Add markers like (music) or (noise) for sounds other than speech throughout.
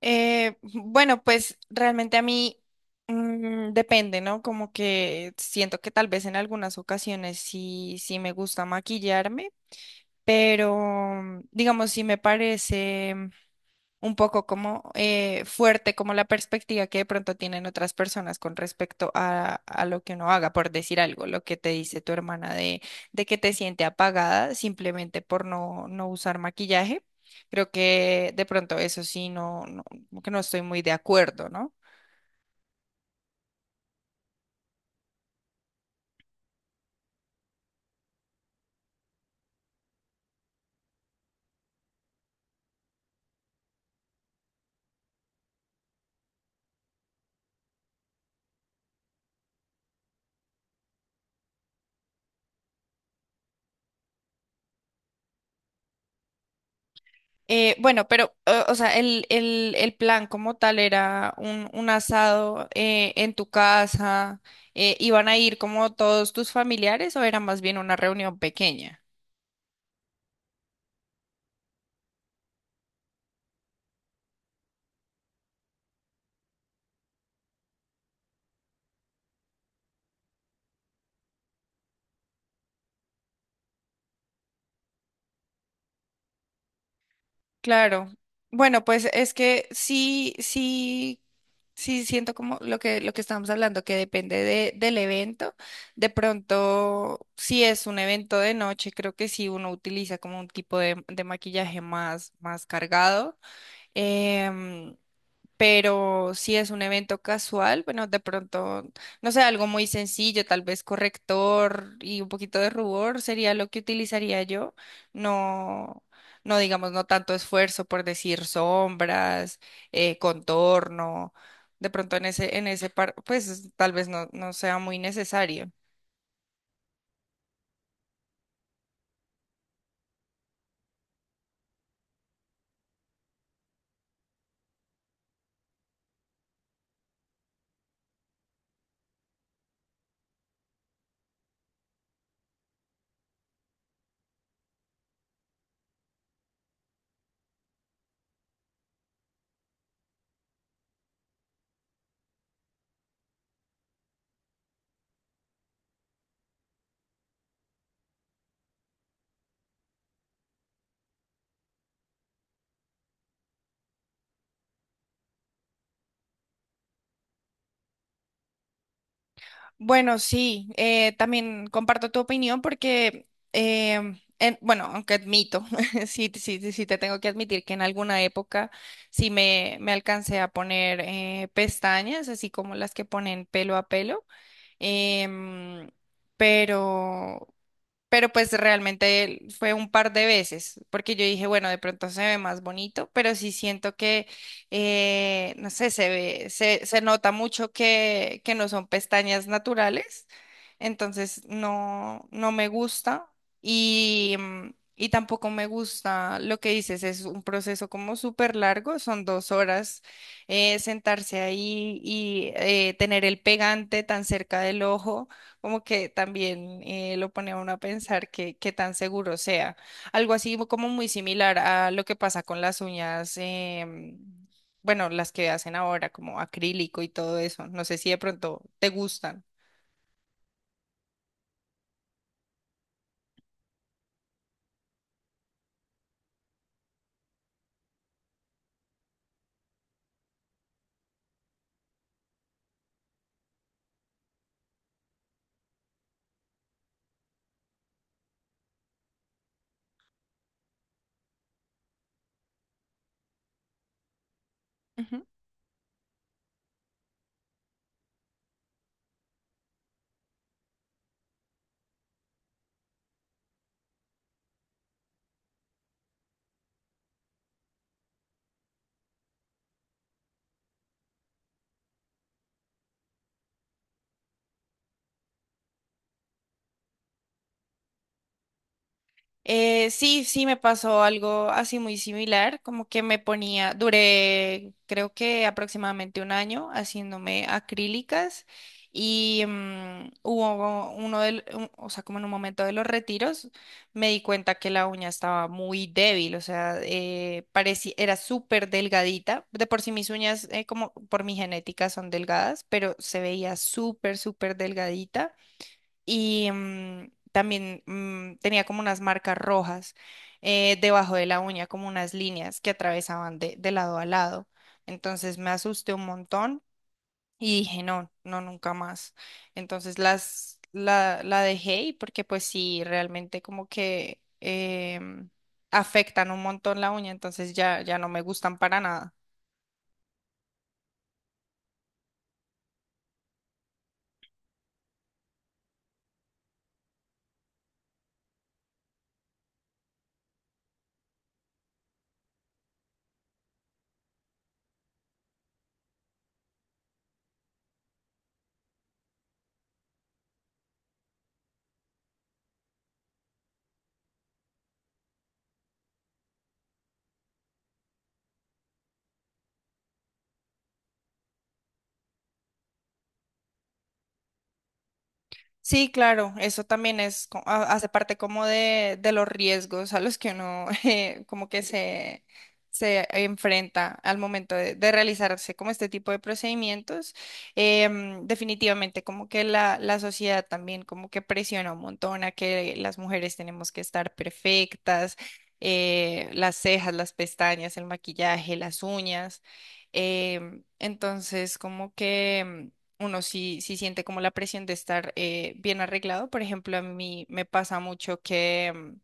Bueno, pues realmente a mí depende, ¿no? Como que siento que tal vez en algunas ocasiones sí me gusta maquillarme, pero digamos, sí me parece un poco como fuerte, como la perspectiva que de pronto tienen otras personas con respecto a, lo que uno haga, por decir algo, lo que te dice tu hermana de que te siente apagada simplemente por no usar maquillaje. Creo que de pronto eso sí, no, no, como que no estoy muy de acuerdo, ¿no? Bueno, pero, o sea, el plan como tal era un asado en tu casa, ¿iban a ir como todos tus familiares o era más bien una reunión pequeña? Claro. Bueno, pues es que sí, sí, sí siento como lo lo que estábamos hablando, que depende del evento. De pronto, si es un evento de noche, creo que sí uno utiliza como un tipo de maquillaje más, más cargado. Em, pero si es un evento casual, bueno, de pronto, no sé, algo muy sencillo, tal vez corrector y un poquito de rubor sería lo que utilizaría yo. No, no digamos, no tanto esfuerzo por decir sombras, contorno. De pronto en ese par, pues tal vez no, no sea muy necesario. Bueno, sí, también comparto tu opinión porque, bueno, aunque admito, (laughs) sí, sí, sí te tengo que admitir que en alguna época sí me alcancé a poner pestañas, así como las que ponen pelo a pelo, em, pero pero pues realmente fue un par de veces, porque yo dije, bueno, de pronto se ve más bonito, pero sí siento que, no sé, se ve, se nota mucho que no son pestañas naturales, entonces no, no me gusta y, mm, y tampoco me gusta lo que dices, es un proceso como súper largo, son dos horas sentarse ahí y tener el pegante tan cerca del ojo como que también lo pone a uno a pensar que, qué tan seguro sea. Algo así como muy similar a lo que pasa con las uñas, bueno, las que hacen ahora, como acrílico y todo eso. No sé si de pronto te gustan. Sí, sí, me pasó algo así muy similar, como que me ponía, duré creo que aproximadamente un año haciéndome acrílicas y hubo uno o sea, como en un momento de los retiros, me di cuenta que la uña estaba muy débil, o sea, parecía, era súper delgadita, de por sí mis uñas, como por mi genética son delgadas, pero se veía súper, súper delgadita y también tenía como unas marcas rojas debajo de la uña, como unas líneas que atravesaban de lado a lado. Entonces me asusté un montón y dije, no, no, nunca más. Entonces la dejé y porque pues sí, realmente como que em, afectan un montón la uña, entonces ya, ya no me gustan para nada. Sí, claro, eso también es, hace parte como de los riesgos a los que uno (laughs) como que se enfrenta al momento de realizarse como este tipo de procedimientos. Definitivamente como que la sociedad también como que presiona un montón a que las mujeres tenemos que estar perfectas, las cejas, las pestañas, el maquillaje, las uñas. Entonces como que uno sí, sí siente como la presión de estar bien arreglado. Por ejemplo, a mí me pasa mucho que mm,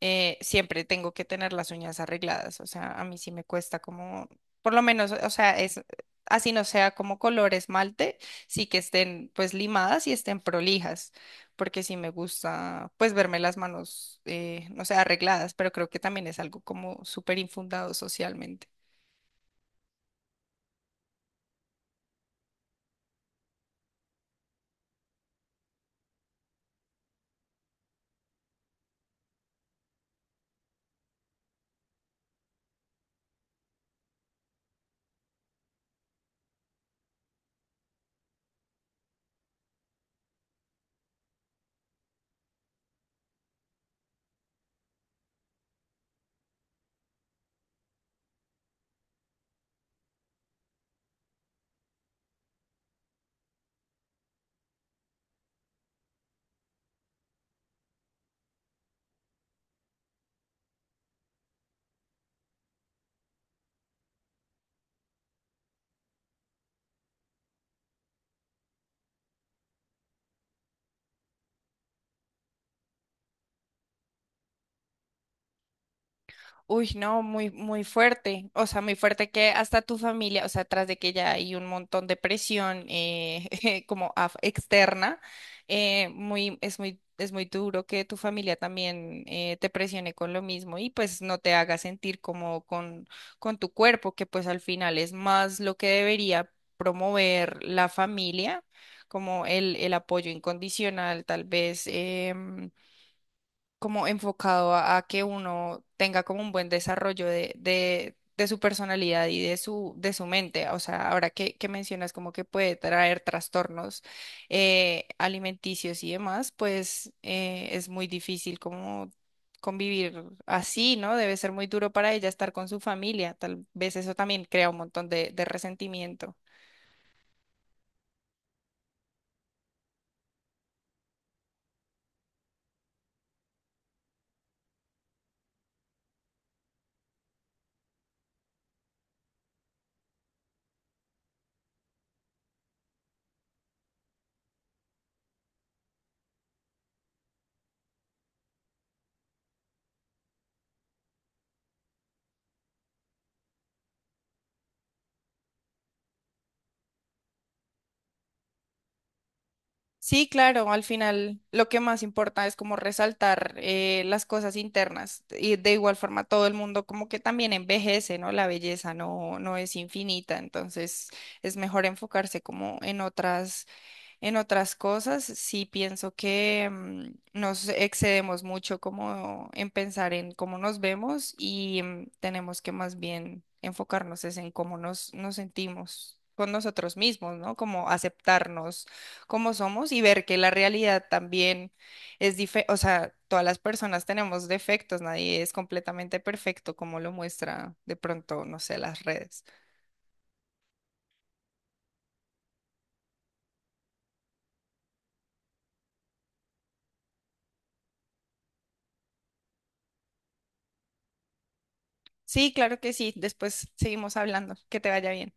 eh, siempre tengo que tener las uñas arregladas. O sea, a mí sí me cuesta como, por lo menos, o sea, es así no sea como color esmalte, sí que estén pues limadas y estén prolijas, porque sí me gusta pues verme las manos, no sé, arregladas, pero creo que también es algo como súper infundado socialmente. Uy, no, muy, muy fuerte. O sea, muy fuerte que hasta tu familia, o sea, tras de que ya hay un montón de presión (laughs) externa, muy, es muy, es muy duro que tu familia también te presione con lo mismo y pues no te haga sentir como con tu cuerpo, que pues al final es más lo que debería promover la familia, como el apoyo incondicional, tal vez. Como enfocado a que uno tenga como un buen desarrollo de su personalidad y de su mente. O sea, ahora que mencionas como que puede traer trastornos alimenticios y demás, pues es muy difícil como convivir así, ¿no? Debe ser muy duro para ella estar con su familia. Tal vez eso también crea un montón de resentimiento. Sí, claro, al final lo que más importa es como resaltar las cosas internas y de igual forma todo el mundo como que también envejece, ¿no? La belleza no, no es infinita, entonces es mejor enfocarse como en otras. En otras cosas, sí pienso que nos excedemos mucho como en pensar en cómo nos vemos y tenemos que más bien enfocarnos es en cómo nos sentimos con nosotros mismos, ¿no? Como aceptarnos como somos y ver que la realidad también es diferente, o sea, todas las personas tenemos defectos, nadie es completamente perfecto como lo muestra de pronto, no sé, las redes. Sí, claro que sí, después seguimos hablando, que te vaya bien.